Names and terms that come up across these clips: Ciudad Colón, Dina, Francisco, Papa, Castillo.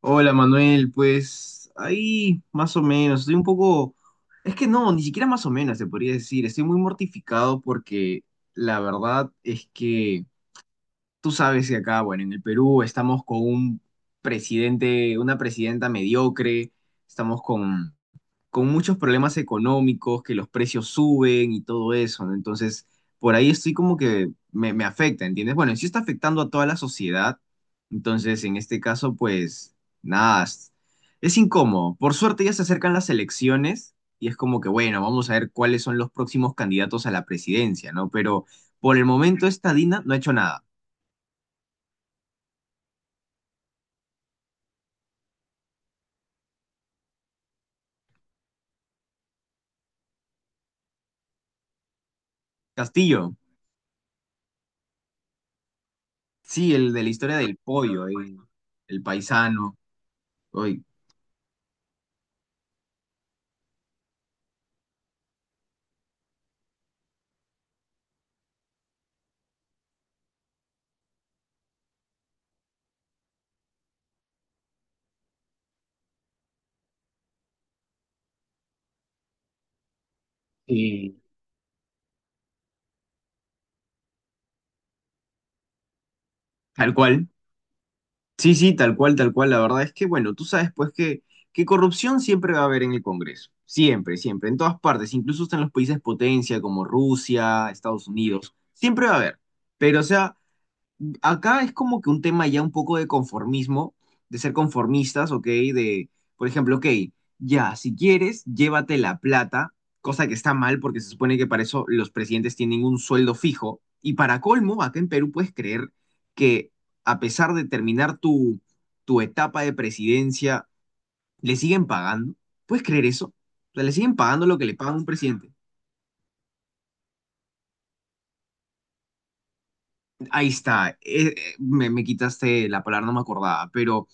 Hola Manuel, pues ahí más o menos, estoy un poco, es que no, ni siquiera más o menos se podría decir. Estoy muy mortificado porque la verdad es que tú sabes que acá, bueno, en el Perú estamos con un presidente, una presidenta mediocre. Estamos con muchos problemas económicos, que los precios suben y todo eso, ¿no? Entonces, por ahí estoy como que me afecta, ¿entiendes? Bueno, y sí está afectando a toda la sociedad. Entonces en este caso, pues nada, es incómodo. Por suerte ya se acercan las elecciones y es como que, bueno, vamos a ver cuáles son los próximos candidatos a la presidencia, ¿no? Pero por el momento esta Dina no ha hecho nada. Castillo. Sí, el de la historia del pollo, ahí, el paisano. Uy. Y tal cual. Sí, sí, tal cual, tal cual. La verdad es que, bueno, tú sabes pues que corrupción siempre va a haber en el Congreso. Siempre, siempre, en todas partes, incluso hasta en los países potencia como Rusia, Estados Unidos. Siempre va a haber. Pero, o sea, acá es como que un tema ya un poco de conformismo, de ser conformistas, ¿ok? De, por ejemplo, ok, ya, si quieres, llévate la plata, cosa que está mal porque se supone que para eso los presidentes tienen un sueldo fijo. Y para colmo, acá en Perú puedes creer que a pesar de terminar tu, tu etapa de presidencia, le siguen pagando. ¿Puedes creer eso? O sea, le siguen pagando lo que le pagan a un presidente. Ahí está. Me quitaste la palabra, no me acordaba, pero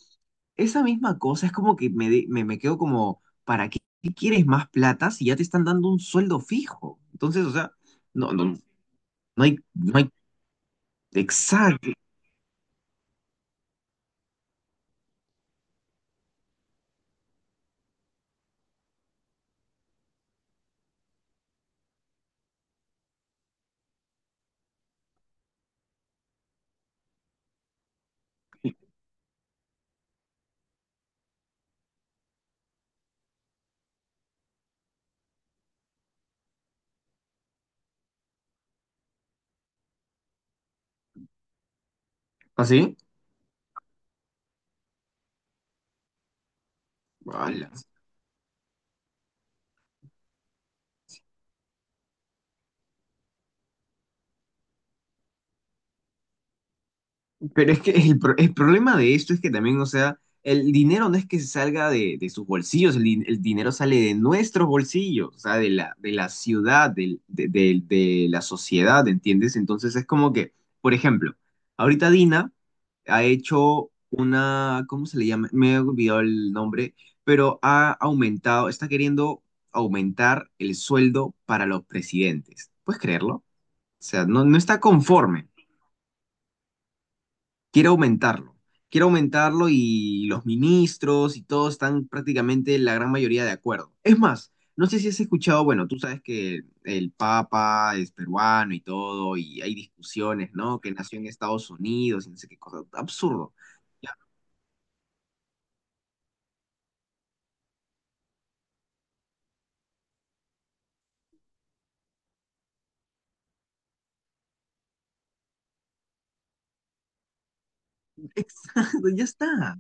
esa misma cosa es como que me quedo como, ¿para qué quieres más plata si ya te están dando un sueldo fijo? Entonces, o sea, no, no, no hay, exacto. ¿Así? Pero es que el problema de esto es que también, o sea, el dinero no es que salga de sus bolsillos. El dinero sale de nuestros bolsillos, o sea, de la ciudad, de la sociedad, ¿entiendes? Entonces es como que, por ejemplo, ahorita Dina ha hecho una, ¿cómo se le llama? Me he olvidado el nombre, pero ha aumentado, está queriendo aumentar el sueldo para los presidentes. ¿Puedes creerlo? O sea, no, no está conforme, quiere aumentarlo. Quiere aumentarlo y los ministros y todos están prácticamente la gran mayoría de acuerdo. Es más, no sé si has escuchado, bueno, tú sabes que el Papa es peruano y todo, y hay discusiones, ¿no? Que nació en Estados Unidos y no sé qué cosa. Absurdo. Ya, exacto, ya está.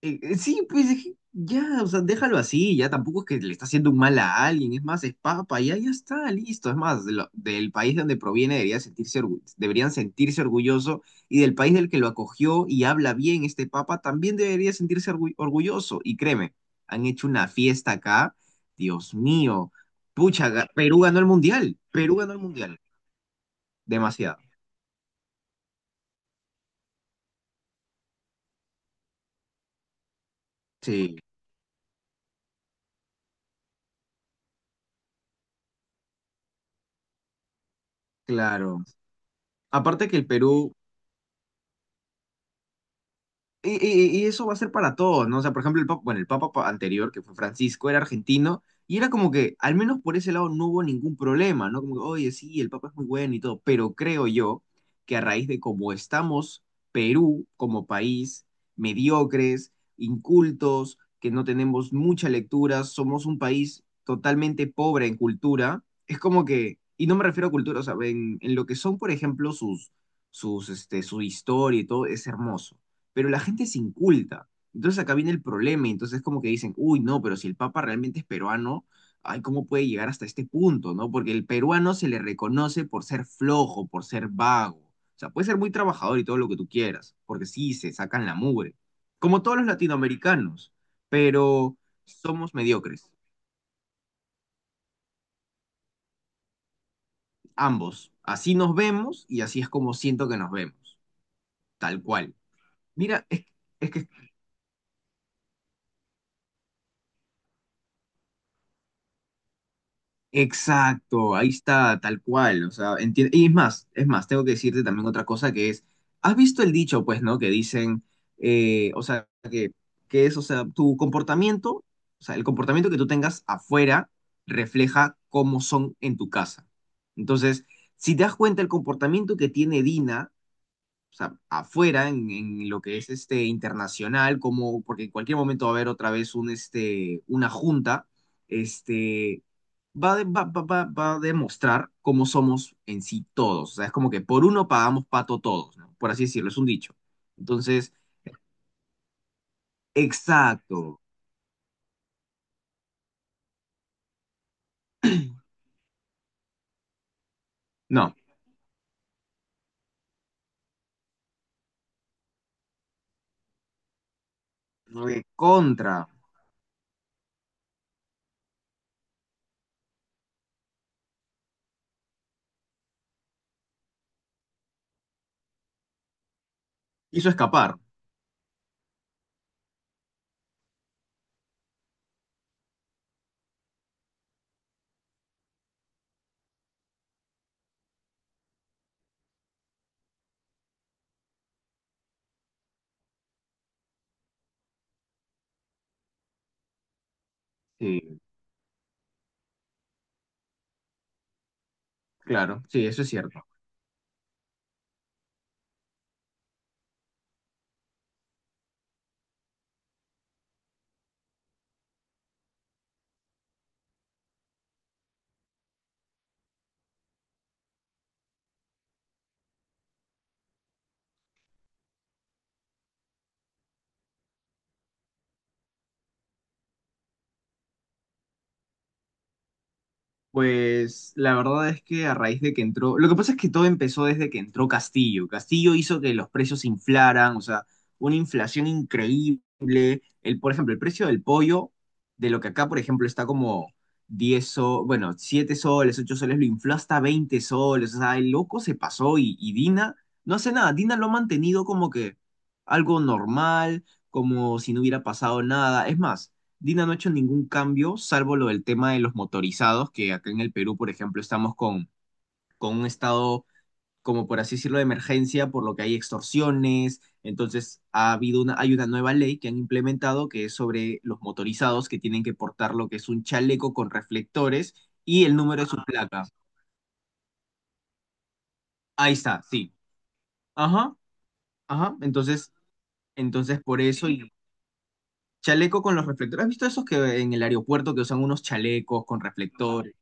Sí, pues es que ya, o sea, déjalo así, ya tampoco es que le está haciendo un mal a alguien, es más, es papa, ya, ya está, listo, es más, del país de donde proviene debería sentirse, deberían sentirse orgulloso y del país del que lo acogió y habla bien este papa también debería sentirse orgulloso y créeme, han hecho una fiesta acá, Dios mío, pucha, Perú ganó el mundial, Perú ganó el mundial, demasiado, sí, claro, aparte que el Perú... y eso va a ser para todos, ¿no? O sea, por ejemplo, el papa, bueno, el papa anterior, que fue Francisco, era argentino, y era como que, al menos por ese lado, no hubo ningún problema, ¿no? Como que, oye, sí, el papa es muy bueno y todo, pero creo yo que a raíz de cómo estamos, Perú como país, mediocres, incultos, que no tenemos mucha lectura, somos un país totalmente pobre en cultura, es como que, y no me refiero a cultura, o sea, en lo que son, por ejemplo, su historia y todo, es hermoso pero la gente es inculta. Entonces acá viene el problema, y entonces como que dicen, uy, no, pero si el Papa realmente es peruano, ay, ¿cómo puede llegar hasta este punto, no? Porque el peruano se le reconoce por ser flojo, por ser vago. O sea, puede ser muy trabajador y todo lo que tú quieras, porque sí, se sacan la mugre, como todos los latinoamericanos, pero somos mediocres, ambos. Así nos vemos y así es como siento que nos vemos, tal cual. Mira, es que exacto, ahí está, tal cual. O sea, y es más, tengo que decirte también otra cosa que es, ¿has visto el dicho, pues, ¿no? Que dicen, o sea, que es, o sea, tu comportamiento, o sea, el comportamiento que tú tengas afuera refleja cómo son en tu casa. Entonces, si te das cuenta, el comportamiento que tiene Dina o sea, afuera, en lo que es este internacional, como, porque en cualquier momento va a haber otra vez una junta, este, va, de- va, va, va- va a demostrar cómo somos en sí todos. O sea, es como que por uno pagamos pato todos, ¿no? Por así decirlo, es un dicho. Entonces, exacto. No, recontra. Hizo escapar. Sí, claro, sí, eso es cierto. Pues la verdad es que a raíz de que entró, lo que pasa es que todo empezó desde que entró Castillo. Castillo hizo que los precios se inflaran, o sea, una inflación increíble. El, por ejemplo, el precio del pollo, de lo que acá, por ejemplo, está como 10 soles, bueno, 7 soles, 8 soles, lo infló hasta 20 soles. O sea, el loco se pasó y Dina no hace nada. Dina lo ha mantenido como que algo normal, como si no hubiera pasado nada. Es más. Dina no ha hecho ningún cambio, salvo lo del tema de los motorizados, que acá en el Perú, por ejemplo, estamos con un estado, como por así decirlo, de emergencia, por lo que hay extorsiones. Entonces, ha habido una, hay una nueva ley que han implementado que es sobre los motorizados que tienen que portar lo que es un chaleco con reflectores y el número de su placa. Ahí está, sí. Ajá, ajá. Entonces por eso y chaleco con los reflectores. ¿Has visto esos que en el aeropuerto que usan unos chalecos con reflectores?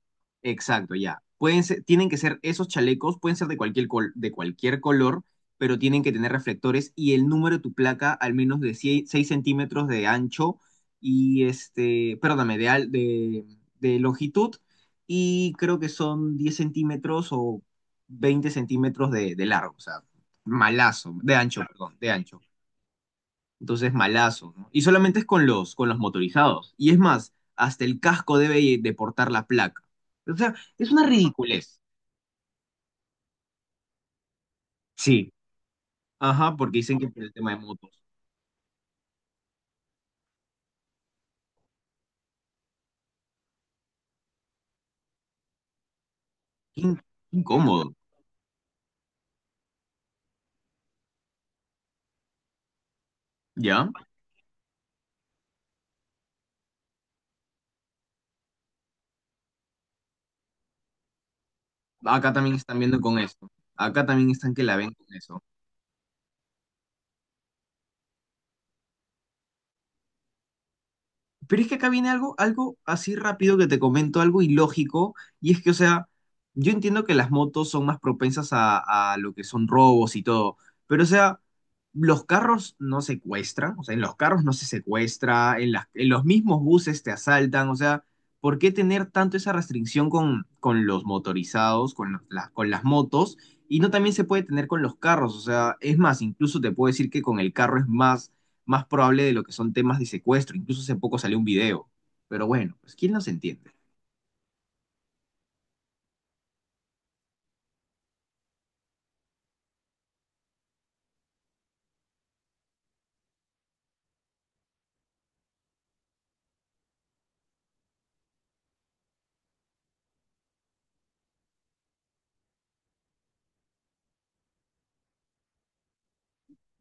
Exacto, ya. Pueden ser- tienen que ser esos chalecos, pueden ser de cualquier col- de cualquier color, pero tienen que tener reflectores y el número de tu placa al menos de 6 centímetros de ancho y este, perdóname, de longitud y creo que son 10 centímetros o 20 centímetros de largo, o sea, malazo, de ancho, perdón, de ancho. Entonces, malazo, ¿no? Y solamente es con los, motorizados. Y es más, hasta el casco debe de portar la placa. O sea, es una ridiculez. Sí. Ajá, porque dicen que por el tema de motos. Qué in- Incómodo, ¿ya? Acá también están viendo con esto. Acá también están que la ven con eso. Pero es que acá viene algo así rápido que te comento, algo ilógico, y es que, o sea, yo entiendo que las motos son más propensas a, lo que son robos y todo, pero, o sea, los carros no secuestran, o sea, en los carros no se secuestra, en las, en los mismos buses te asaltan, o sea, ¿por qué tener tanto esa restricción con, los motorizados, con, con las motos? Y no también se puede tener con los carros, o sea, es más, incluso te puedo decir que con el carro es más probable de lo que son temas de secuestro. Incluso hace poco salió un video. Pero bueno, pues ¿quién nos entiende?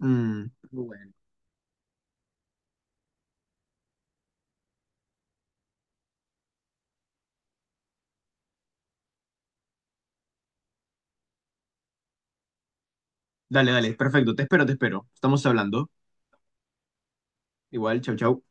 Mm, bueno. Dale, dale, perfecto. Te espero, te espero. Estamos hablando. Igual, chau, chau.